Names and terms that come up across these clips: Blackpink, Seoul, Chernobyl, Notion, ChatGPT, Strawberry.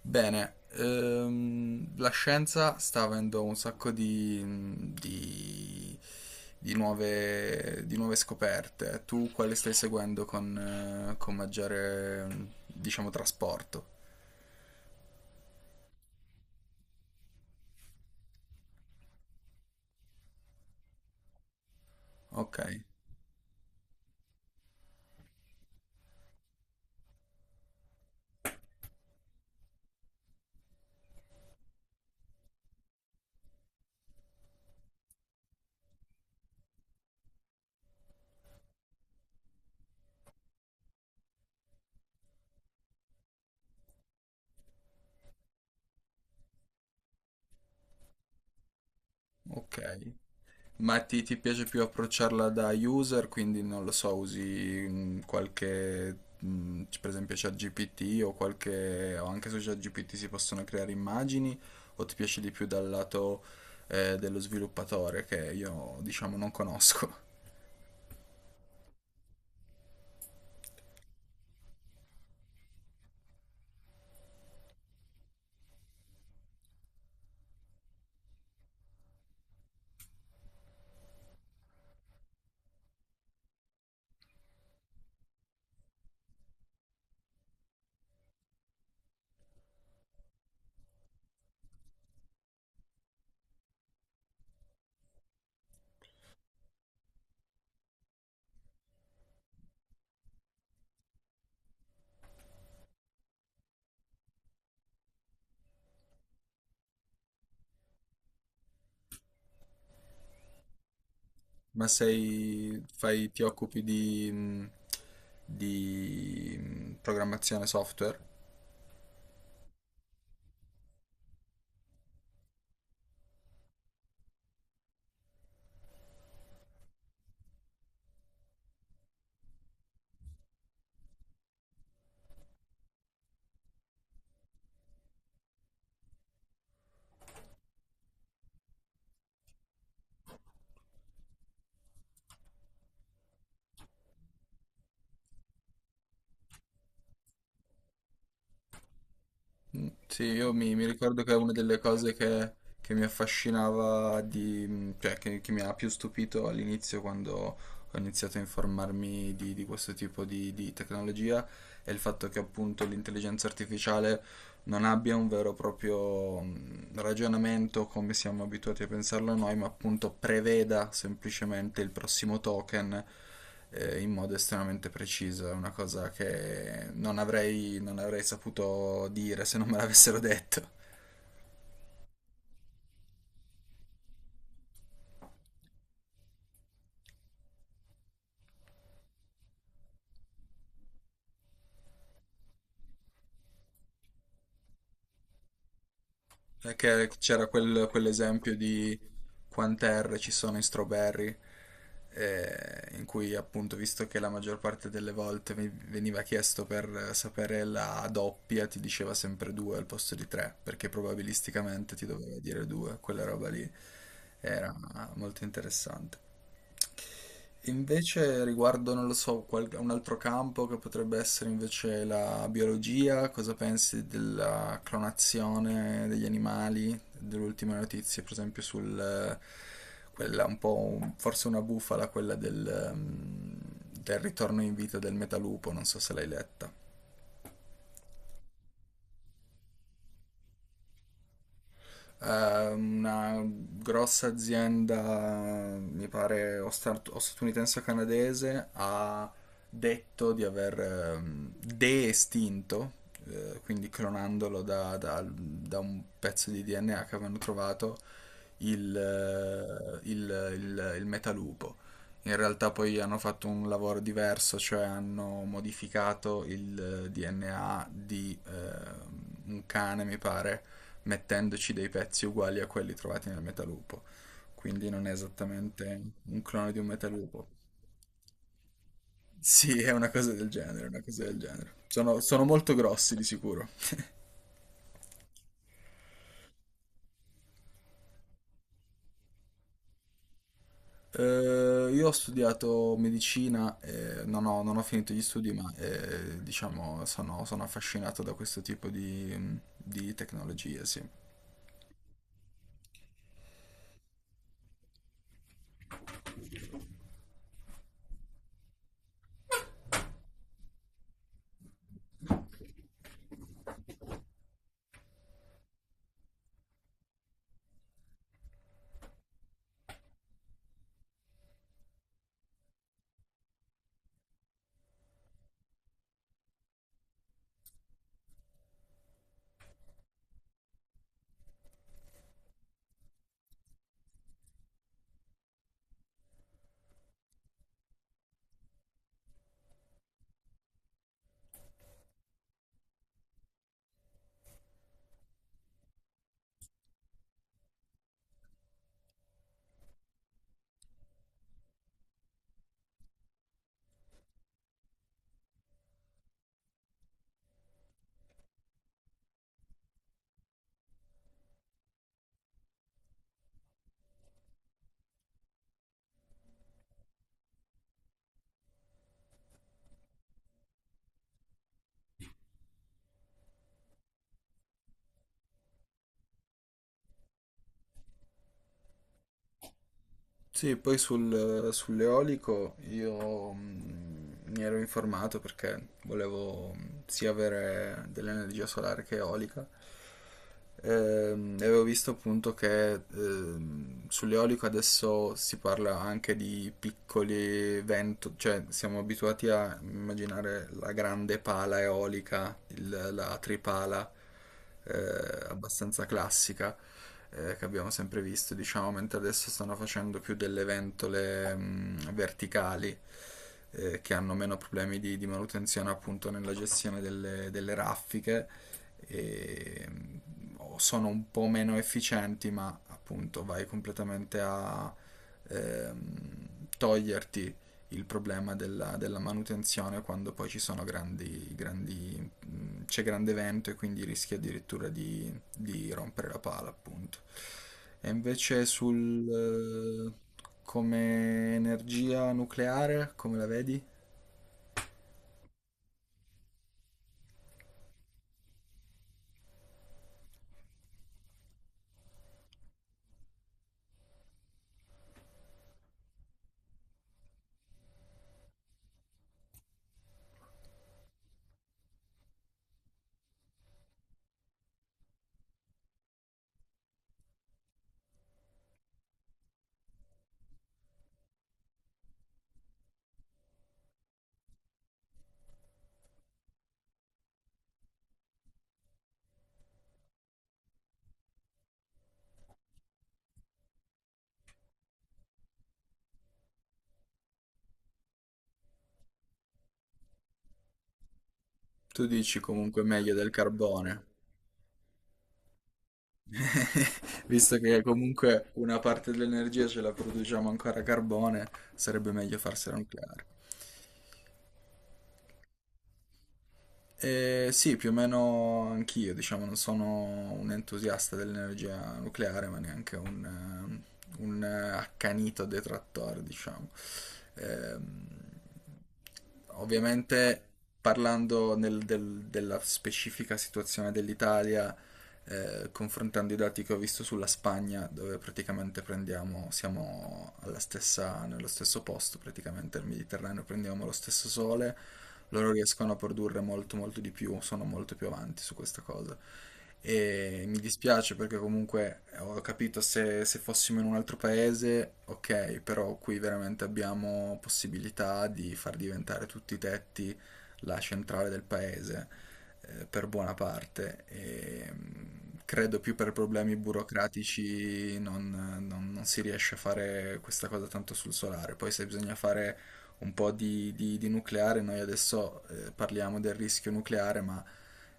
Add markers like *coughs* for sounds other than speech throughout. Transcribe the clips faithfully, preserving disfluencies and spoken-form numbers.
Bene, ehm, la scienza sta avendo un sacco di, di- di nuove, di nuove scoperte. Tu quale stai seguendo con, eh, con maggiore, diciamo, trasporto? Ok, ok. Ma ti, ti piace più approcciarla da user, quindi non lo so, usi mm, qualche, mm, c- per esempio ChatGPT o qualche, o anche su ChatGPT si possono creare immagini, o ti piace di più dal lato eh, dello sviluppatore, che io diciamo non conosco. *laughs* Ma sei, fai, ti occupi di, mm, di mm, programmazione software? Sì, io mi, mi ricordo che è una delle cose che, che mi affascinava, di, cioè che, che mi ha più stupito all'inizio quando ho iniziato a informarmi di, di questo tipo di, di tecnologia, è il fatto che appunto l'intelligenza artificiale non abbia un vero e proprio mh, ragionamento come siamo abituati a pensarlo noi, ma appunto preveda semplicemente il prossimo token eh, in modo estremamente preciso. È una cosa che non avrei, non avrei saputo dire se non me l'avessero detto. Perché c'era quel- quell'esempio di quante R ci sono in Strawberry, eh, in cui appunto, visto che la maggior parte delle volte ve- veniva chiesto per sapere la doppia, ti diceva sempre due al posto di tre, perché probabilisticamente ti doveva dire due, quella roba lì era molto interessante. Invece riguardo, non lo so, qual- un altro campo che potrebbe essere invece la biologia, cosa pensi della clonazione degli animali, delle ultime notizie, per esempio sul, eh, quella un po', un- forse una bufala, quella del, ehm, del ritorno in vita del metalupo, non so se l'hai letta. Eh, una grossa azienda, mi pare, o, stat- o statunitense o canadese, ha detto di aver ehm, de-estinto, eh, quindi clonandolo da, da- da un pezzo di D N A che avevano trovato, il, eh, il, il, il metalupo. In realtà poi hanno fatto un lavoro diverso, cioè hanno modificato il eh, D N A di eh, un cane, mi pare, mettendoci dei pezzi uguali a quelli trovati nel Metalupo. Quindi non è esattamente un clone di un Metalupo. Sì, è una cosa del genere, una cosa del genere. Sono, sono molto grossi di sicuro. Eh, io ho studiato medicina, eh, non ho, non ho finito gli studi, ma eh, diciamo sono, sono affascinato da questo tipo di, di tecnologie, sì. Sì, poi sul- sull'eolico io mm, mi ero informato perché volevo mm, sia avere dell'energia solare che eolica. Ehm, e avevo visto appunto che ehm, sull'eolico adesso si parla anche di piccoli vento, cioè siamo abituati a immaginare la grande pala eolica, il- la tripala eh, abbastanza classica eh, che abbiamo sempre visto, diciamo, mentre adesso stanno facendo più delle ventole mh, verticali eh, che hanno meno problemi di, di manutenzione appunto nella gestione delle, delle raffiche e mh, o sono un po' meno efficienti, ma appunto vai completamente a ehm, toglierti il problema della, della manutenzione quando poi ci sono grandi, grandi mh, c'è grande vento e quindi rischia addirittura di, di rompere la pala, appunto. E invece sul, eh, come energia nucleare, come la vedi? Tu dici comunque meglio del carbone, *laughs* visto che comunque una parte dell'energia ce la produciamo ancora a carbone, sarebbe meglio farsela nucleare. Eh, sì, più o meno anch'io, diciamo, non sono un entusiasta dell'energia nucleare, ma neanche un, eh, un eh, accanito detrattore, diciamo. Ehm, ovviamente, parlando nel- del- della specifica situazione dell'Italia, eh, confrontando i dati che ho visto sulla Spagna, dove praticamente prendiamo, siamo alla stessa, nello stesso posto, praticamente nel Mediterraneo, prendiamo lo stesso sole, loro riescono a produrre molto molto di più, sono molto più avanti su questa cosa. E mi dispiace perché comunque ho capito se, se fossimo in un altro paese, ok, però qui veramente abbiamo possibilità di far diventare tutti i tetti la centrale del paese eh, per buona parte e mh, credo più per problemi burocratici non, non- non si riesce a fare questa cosa tanto sul solare. Poi se bisogna fare un po' di, di- di nucleare, noi adesso eh, parliamo del rischio nucleare, ma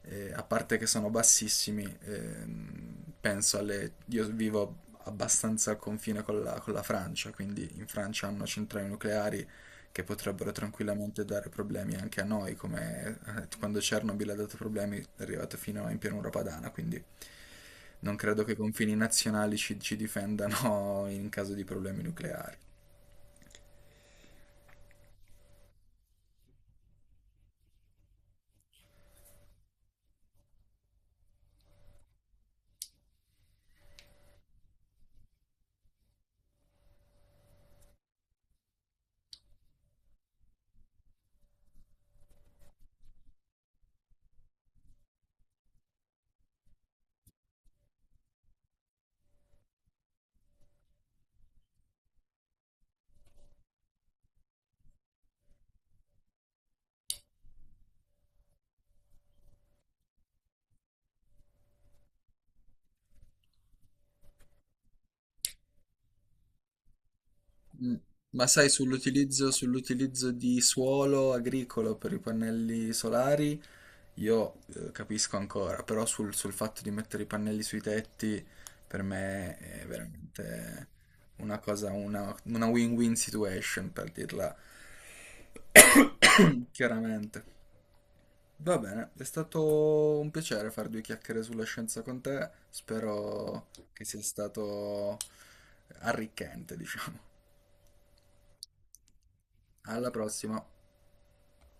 eh, a parte che sono bassissimi, ehm, penso alle... Io vivo abbastanza al confine con la, con la Francia, quindi in Francia hanno centrali nucleari che potrebbero tranquillamente dare problemi anche a noi, come eh, quando Chernobyl ha dato problemi, è arrivato fino in pianura padana, quindi non credo che i confini nazionali ci, ci difendano *laughs* in caso di problemi nucleari. Mm. Ma sai, sull'utilizzo sull'utilizzo di suolo agricolo per i pannelli solari, io eh, capisco ancora, però sul, sul fatto di mettere i pannelli sui tetti per me è veramente una cosa, una, una win-win situation per dirla *coughs* chiaramente. Va bene, è stato un piacere fare due chiacchiere sulla scienza con te, spero che sia stato arricchente, diciamo. Alla prossima.